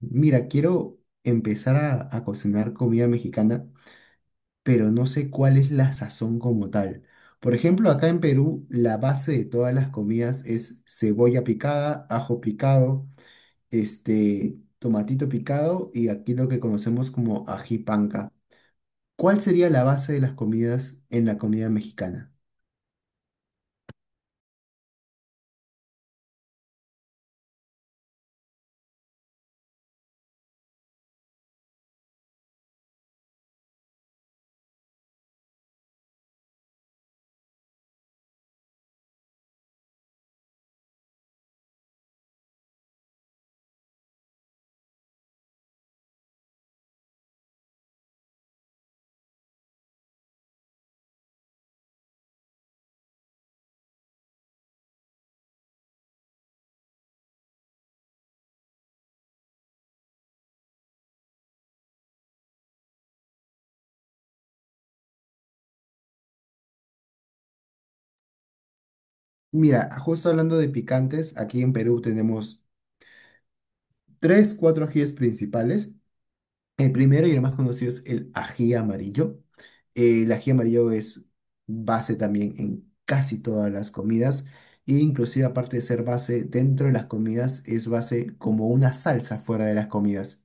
Mira, quiero empezar a cocinar comida mexicana, pero no sé cuál es la sazón como tal. Por ejemplo, acá en Perú, la base de todas las comidas es cebolla picada, ajo picado, tomatito picado y aquí lo que conocemos como ají panca. ¿Cuál sería la base de las comidas en la comida mexicana? Mira, justo hablando de picantes, aquí en Perú tenemos tres, cuatro ajíes principales. El primero y el más conocido es el ají amarillo. El ají amarillo es base también en casi todas las comidas e inclusive aparte de ser base dentro de las comidas es base como una salsa fuera de las comidas.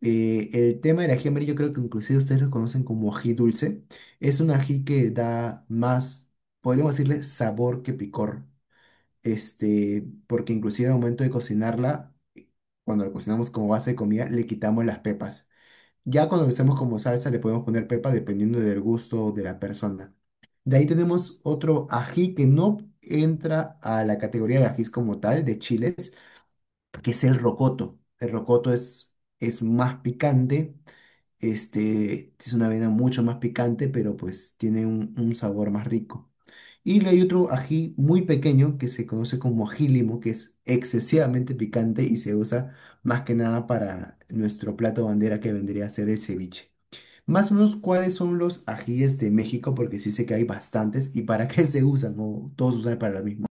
El tema del ají amarillo creo que inclusive ustedes lo conocen como ají dulce. Es un ají que da más, podríamos decirle, sabor que picor. Porque inclusive al momento de cocinarla, cuando lo cocinamos como base de comida, le quitamos las pepas. Ya cuando lo hacemos como salsa le podemos poner pepa dependiendo del gusto de la persona. De ahí tenemos otro ají que no entra a la categoría de ajís como tal, de chiles, que es el rocoto. El rocoto es más picante, es una avena mucho más picante, pero pues tiene un sabor más rico. Y le hay otro ají muy pequeño que se conoce como ají limo, que es excesivamente picante y se usa más que nada para nuestro plato bandera que vendría a ser el ceviche. Más o menos, ¿cuáles son los ajíes de México? Porque sí sé que hay bastantes. ¿Y para qué se usan? ¿O todos usan para lo mismo?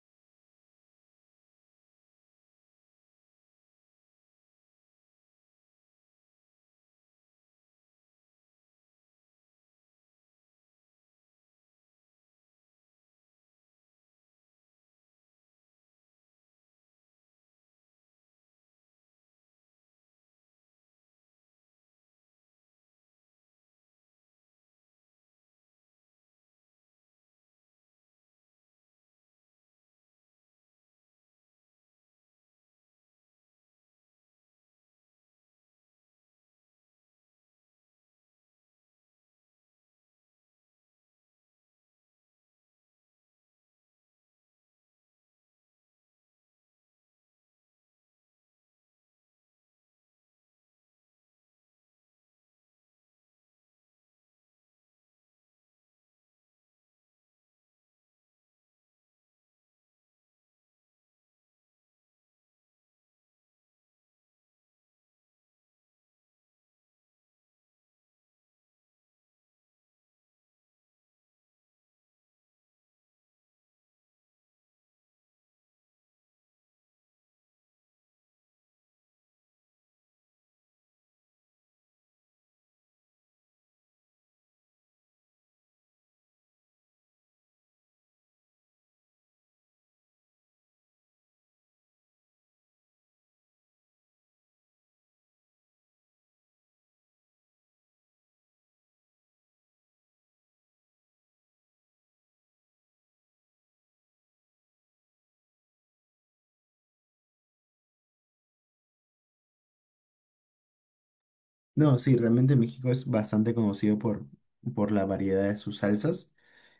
No, sí, realmente México es bastante conocido por la variedad de sus salsas.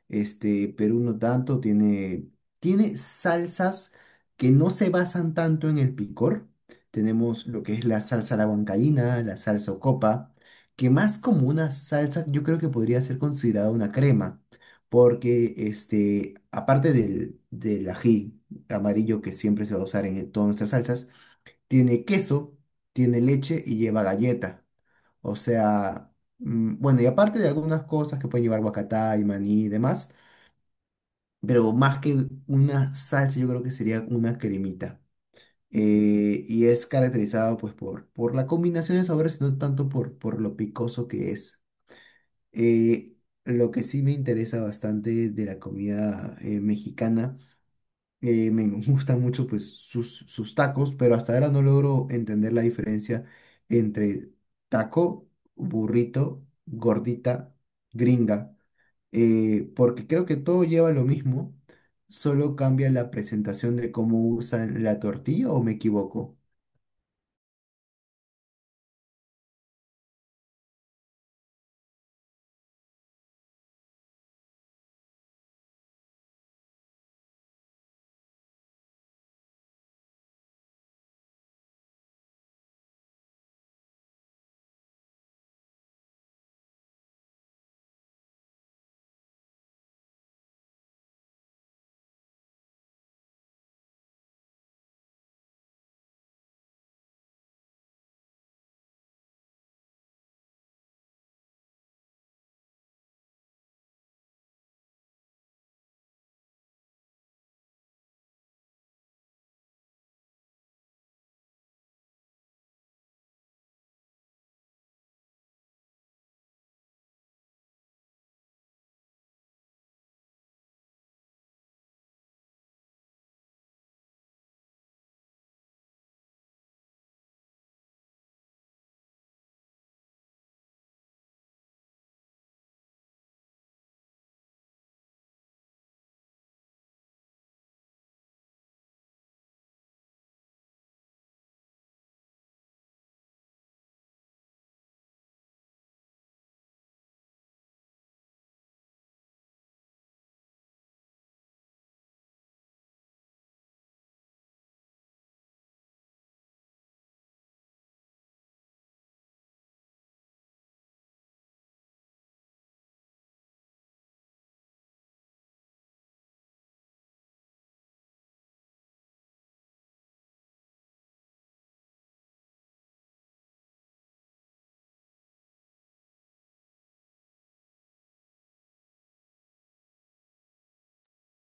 Perú no tanto, tiene salsas que no se basan tanto en el picor. Tenemos lo que es la salsa a la huancaína, la salsa ocopa, que más como una salsa, yo creo que podría ser considerada una crema, porque este, aparte del ají amarillo que siempre se va a usar en todas nuestras salsas, tiene queso, tiene leche y lleva galleta. O sea, bueno, y aparte de algunas cosas que pueden llevar guacatá y maní y demás, pero más que una salsa, yo creo que sería una cremita. Y es caracterizado pues por la combinación de sabores, no tanto por lo picoso que es. Eh, lo que sí me interesa bastante de la comida mexicana, me gustan mucho pues sus tacos, pero hasta ahora no logro entender la diferencia entre taco, burrito, gordita, gringa, porque creo que todo lleva lo mismo, solo cambia la presentación de cómo usan la tortilla o me equivoco.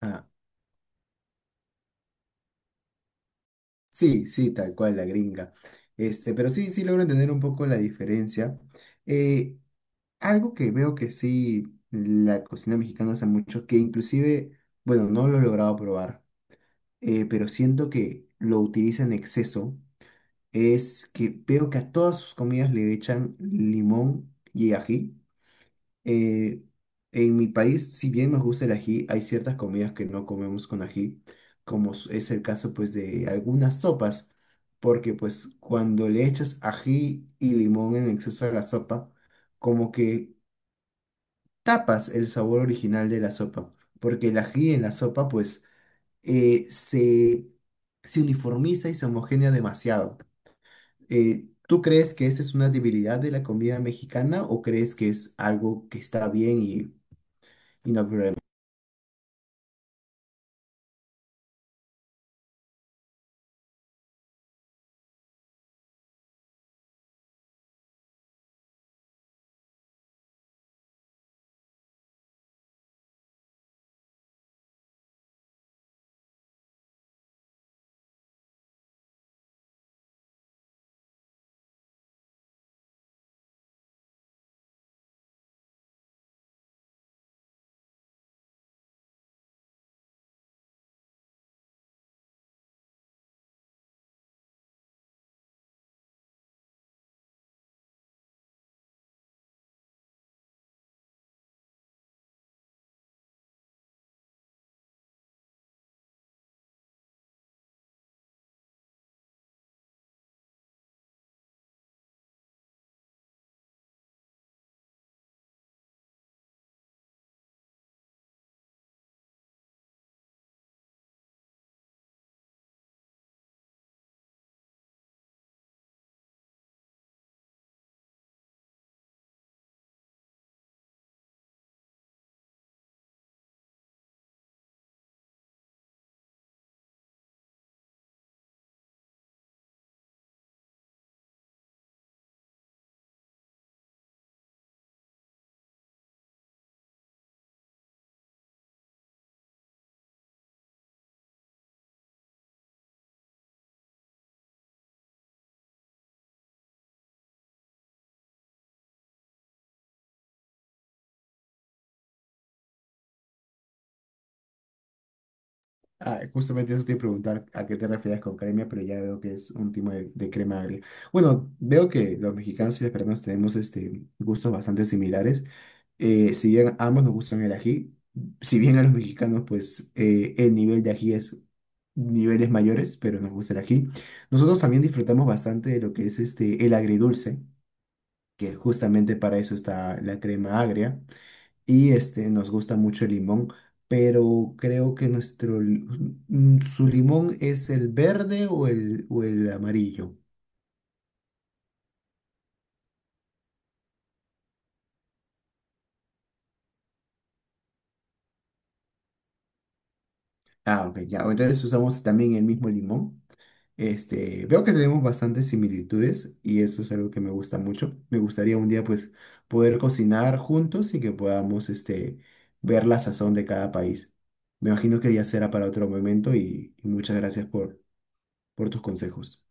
Ah, sí, sí, tal cual, la gringa. Pero sí, sí logro entender un poco la diferencia. Eh, Algo que veo que sí, la cocina mexicana hace mucho, que inclusive, bueno, no lo he logrado probar, pero siento que lo utiliza en exceso, es que veo que a todas sus comidas le echan limón y ají. Eh, en mi país, si bien nos gusta el ají, hay ciertas comidas que no comemos con ají, como es el caso pues de algunas sopas, porque pues cuando le echas ají y limón en exceso a la sopa, como que tapas el sabor original de la sopa, porque el ají en la sopa pues eh, se, se uniformiza y se homogénea demasiado. ¿Tú crees que esa es una debilidad de la comida mexicana o crees que es algo que está bien y no? Ah, justamente eso te iba a preguntar, a qué te refieres con crema, pero ya veo que es un tipo de crema agria. Bueno, veo que los mexicanos y los peruanos tenemos este, gustos bastante similares. Si bien a ambos nos gustan el ají, si bien a los mexicanos pues el nivel de ají es niveles mayores, pero nos gusta el ají. Nosotros también disfrutamos bastante de lo que es este, el agridulce, que justamente para eso está la crema agria y este, nos gusta mucho el limón, pero creo que su limón es el verde o el amarillo. Ah, ok, ya. Entonces usamos también el mismo limón. Este, veo que tenemos bastantes similitudes y eso es algo que me gusta mucho. Me gustaría un día pues poder cocinar juntos y que podamos este, ver la sazón de cada país. Me imagino que ya será para otro momento y muchas gracias por tus consejos.